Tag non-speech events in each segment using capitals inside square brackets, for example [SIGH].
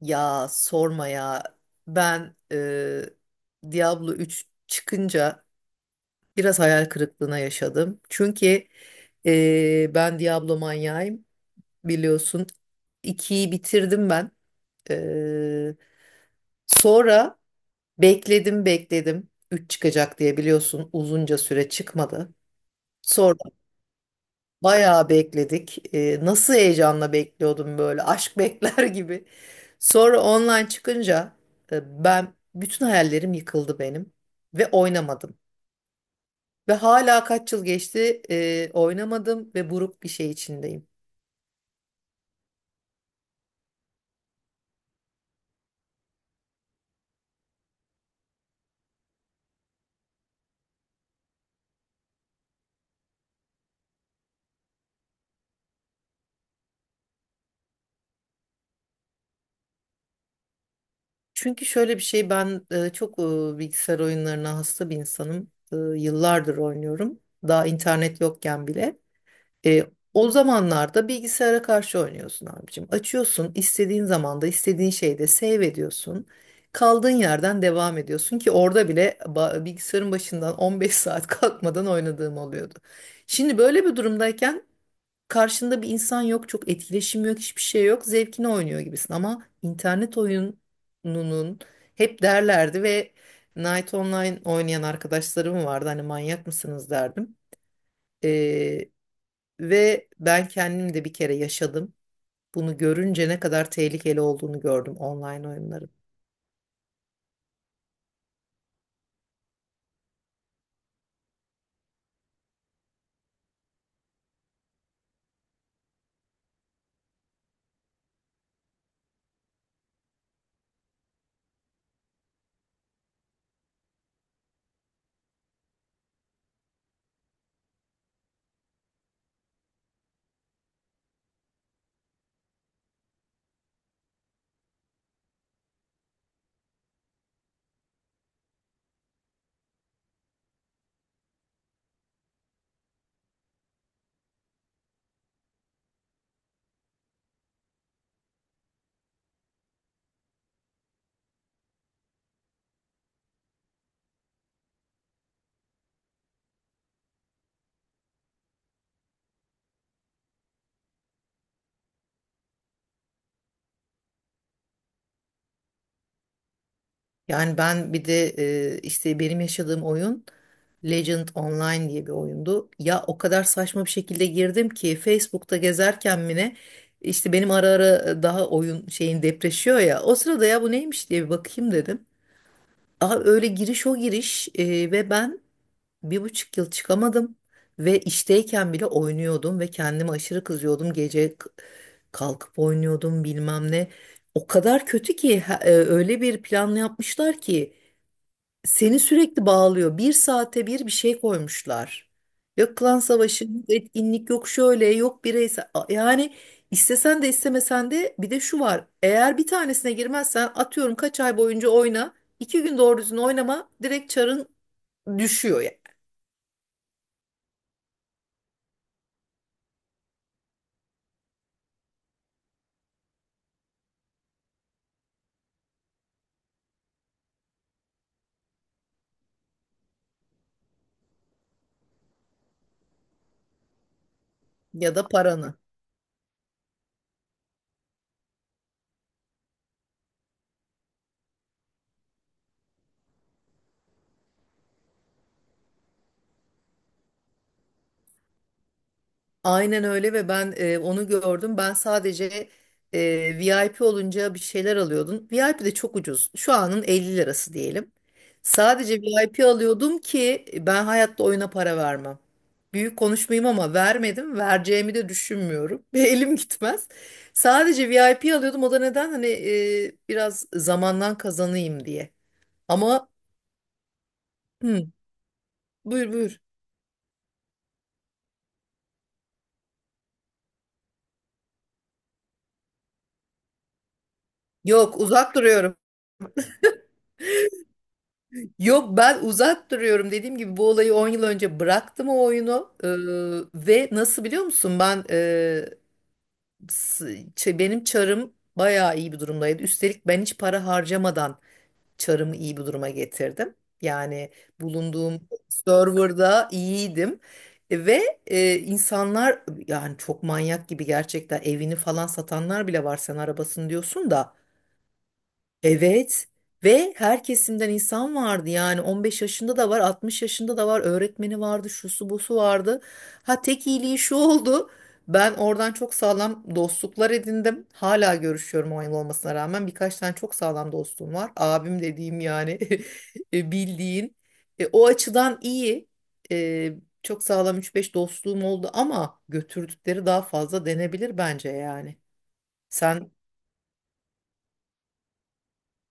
Ya sorma ya. Ben Diablo 3 çıkınca biraz hayal kırıklığına yaşadım. Çünkü ben Diablo manyağıyım, biliyorsun. İkiyi bitirdim ben. E, sonra bekledim bekledim. Üç çıkacak diye, biliyorsun, uzunca süre çıkmadı. Sonra bayağı bekledik. Nasıl heyecanla bekliyordum, böyle aşk bekler [LAUGHS] gibi. Sonra online çıkınca ben bütün hayallerim yıkıldı benim ve oynamadım. Ve hala kaç yıl geçti, oynamadım ve buruk bir şey içindeyim. Çünkü şöyle bir şey, ben çok bilgisayar oyunlarına hasta bir insanım. Yıllardır oynuyorum. Daha internet yokken bile. E, O zamanlarda bilgisayara karşı oynuyorsun abicim. Açıyorsun, istediğin zamanda, istediğin şeyde save ediyorsun. Kaldığın yerden devam ediyorsun ki orada bile bilgisayarın başından 15 [LAUGHS] saat kalkmadan oynadığım oluyordu. Şimdi böyle bir durumdayken karşında bir insan yok, çok etkileşim yok, hiçbir şey yok. Zevkini oynuyor gibisin ama internet oyununun hep derlerdi. Ve Night Online oynayan arkadaşlarım vardı. Hani manyak mısınız derdim. Ve ben kendim de bir kere yaşadım. Bunu görünce ne kadar tehlikeli olduğunu gördüm online oyunların. Yani ben bir de, işte, benim yaşadığım oyun Legend Online diye bir oyundu. Ya o kadar saçma bir şekilde girdim ki Facebook'ta gezerken mi ne, işte benim ara ara daha oyun şeyin depreşiyor ya. O sırada, ya bu neymiş diye bir bakayım dedim. Aa, öyle giriş o giriş, ve ben 1,5 yıl çıkamadım ve işteyken bile oynuyordum ve kendime aşırı kızıyordum. Gece kalkıp oynuyordum bilmem ne. O kadar kötü ki, öyle bir plan yapmışlar ki seni sürekli bağlıyor. Bir saate bir şey koymuşlar. Yok klan savaşı, yok etkinlik, yok şöyle, yok bireysel. Yani istesen de istemesen de bir de şu var. Eğer bir tanesine girmezsen, atıyorum, kaç ay boyunca oyna. İki gün doğru düzgün oynama, direkt çarın düşüyor. Ya da paranı. Aynen öyle. Ve ben onu gördüm. Ben sadece VIP olunca bir şeyler alıyordum. VIP de çok ucuz. Şu anın 50 lirası diyelim. Sadece VIP alıyordum ki ben hayatta oyuna para vermem. Büyük konuşmayayım ama vermedim. Vereceğimi de düşünmüyorum. [LAUGHS] Ve elim gitmez. Sadece VIP alıyordum. O da neden? Hani biraz zamandan kazanayım diye. Ama. Hı, buyur buyur. Yok, uzak duruyorum. Yok, ben uzak duruyorum dediğim gibi, bu olayı 10 yıl önce bıraktım o oyunu. Ve nasıl biliyor musun, ben s- benim çarım bayağı iyi bir durumdaydı, üstelik ben hiç para harcamadan çarımı iyi bir duruma getirdim yani. Bulunduğum serverda iyiydim ve insanlar yani çok manyak gibi, gerçekten evini falan satanlar bile var, sen arabasını diyorsun da. Evet. Ve her kesimden insan vardı yani, 15 yaşında da var, 60 yaşında da var, öğretmeni vardı, şusu busu vardı. Ha, tek iyiliği şu oldu, ben oradan çok sağlam dostluklar edindim, hala görüşüyorum 10 yıl olmasına rağmen. Birkaç tane çok sağlam dostum var, abim dediğim yani. [LAUGHS] Bildiğin, o açıdan iyi. E, Çok sağlam üç beş dostluğum oldu ama götürdükleri daha fazla denebilir bence yani. Sen.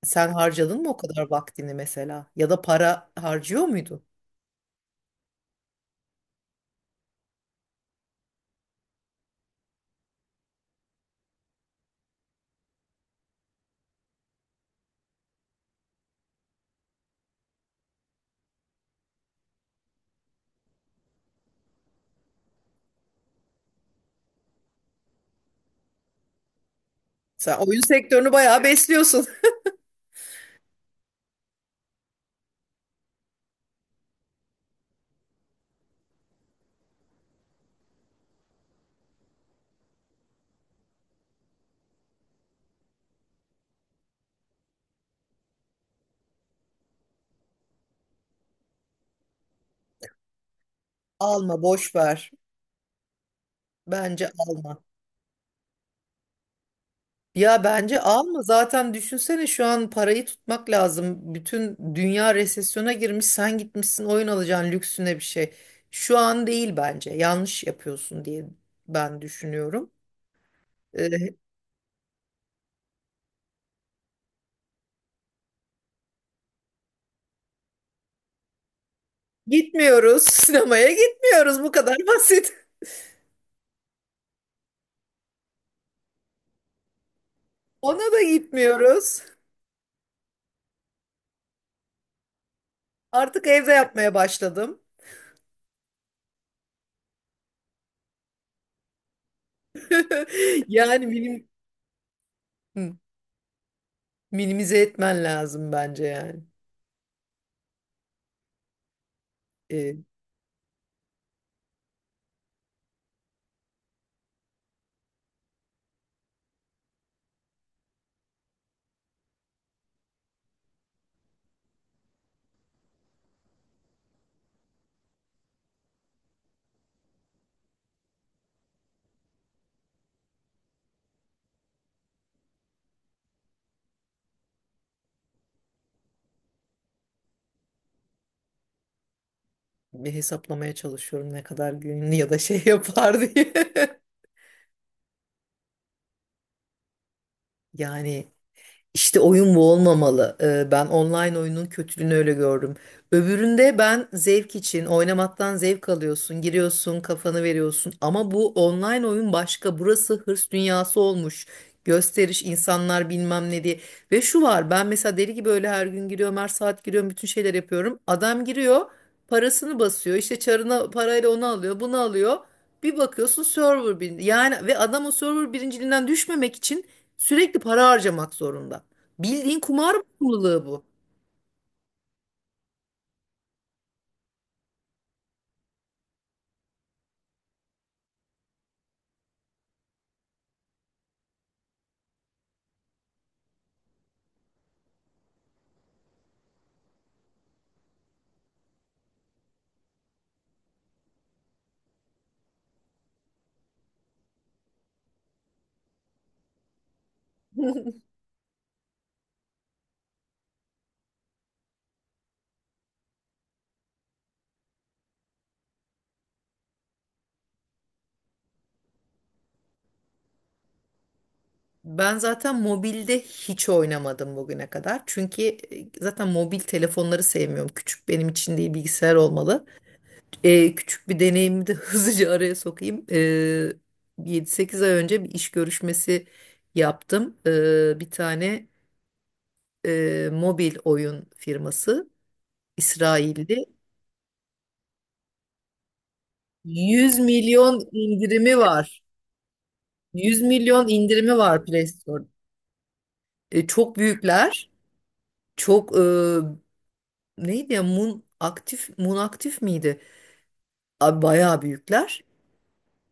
Sen harcadın mı o kadar vaktini mesela? Ya da para harcıyor muydun? Sen oyun sektörünü bayağı besliyorsun. [LAUGHS] Alma, boş ver. Bence alma. Ya bence alma. Zaten düşünsene, şu an parayı tutmak lazım. Bütün dünya resesyona girmiş. Sen gitmişsin, oyun alacaksın lüksüne bir şey. Şu an değil bence. Yanlış yapıyorsun diye ben düşünüyorum. Ee, Gitmiyoruz. [LAUGHS] Sinemaya gitmiyoruz. Bu kadar basit. [LAUGHS] Ona da gitmiyoruz. Artık evde yapmaya başladım. [LAUGHS] Yani hı, minimize etmen lazım bence yani. Ee, Bir hesaplamaya çalışıyorum ne kadar günlü ya da şey yapar diye. [LAUGHS] Yani İşte oyun bu olmamalı. Ben online oyunun kötülüğünü öyle gördüm. Öbüründe ben zevk için oynamaktan zevk alıyorsun, giriyorsun, kafanı veriyorsun. Ama bu online oyun başka. Burası hırs dünyası olmuş. Gösteriş, insanlar bilmem ne diye. Ve şu var, ben mesela deli gibi öyle her gün giriyorum, her saat giriyorum, bütün şeyler yapıyorum. Adam giriyor, parasını basıyor, işte çarına parayla onu alıyor, bunu alıyor. Bir bakıyorsun server bir yani. Ve adam o server birinciliğinden düşmemek için sürekli para harcamak zorunda. Bildiğin kumar bağımlılığı bu. [LAUGHS] Ben zaten mobilde hiç oynamadım bugüne kadar. Çünkü zaten mobil telefonları sevmiyorum. Küçük, benim için değil, bilgisayar olmalı. Küçük bir deneyimi de [LAUGHS] hızlıca araya sokayım. 7-8 ay önce bir iş görüşmesi yaptım. Bir tane mobil oyun firması İsrail'de. 100 milyon indirimi var. 100 milyon indirimi var Play Store. Çok büyükler. Çok, neydi ya, Moon aktif, Moon aktif miydi? Abi bayağı büyükler.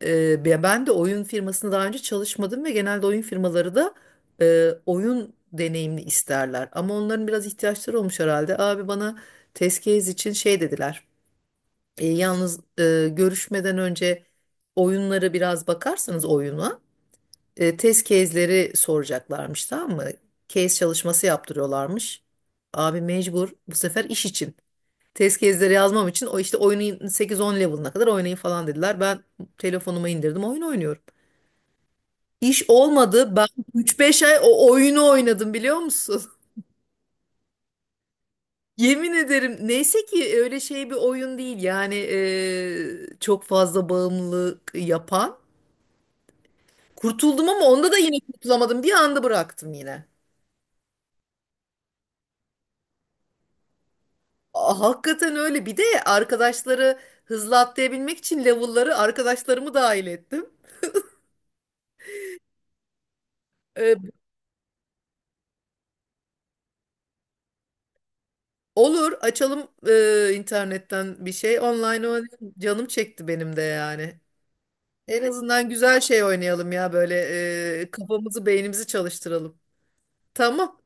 Ben de oyun firmasında daha önce çalışmadım ve genelde oyun firmaları da oyun deneyimli isterler. Ama onların biraz ihtiyaçları olmuş herhalde. Abi bana test case için şey dediler. Yalnız görüşmeden önce oyunları biraz bakarsanız, oyuna test case'leri soracaklarmış, tamam mı? Case çalışması yaptırıyorlarmış. Abi mecbur bu sefer iş için. Test gezleri yazmam için o işte oyunun 8-10 level'ına kadar oynayın falan dediler. Ben telefonuma indirdim, oyun oynuyorum. İş olmadı. Ben 3-5 ay o oyunu oynadım, biliyor musun? [LAUGHS] Yemin ederim, neyse ki öyle şey bir oyun değil yani, çok fazla bağımlılık yapan. Kurtuldum ama onda da yine kurtulamadım, bir anda bıraktım yine. Aa, hakikaten öyle. Bir de arkadaşları hızlı atlayabilmek için level'ları, arkadaşlarımı dahil ettim. Olur, açalım internetten bir şey. Online oynayalım. Canım çekti benim de yani. En azından güzel şey oynayalım ya, böyle kafamızı beynimizi çalıştıralım. Tamam.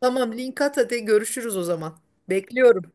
Tamam, link at, hadi görüşürüz o zaman. Bekliyorum.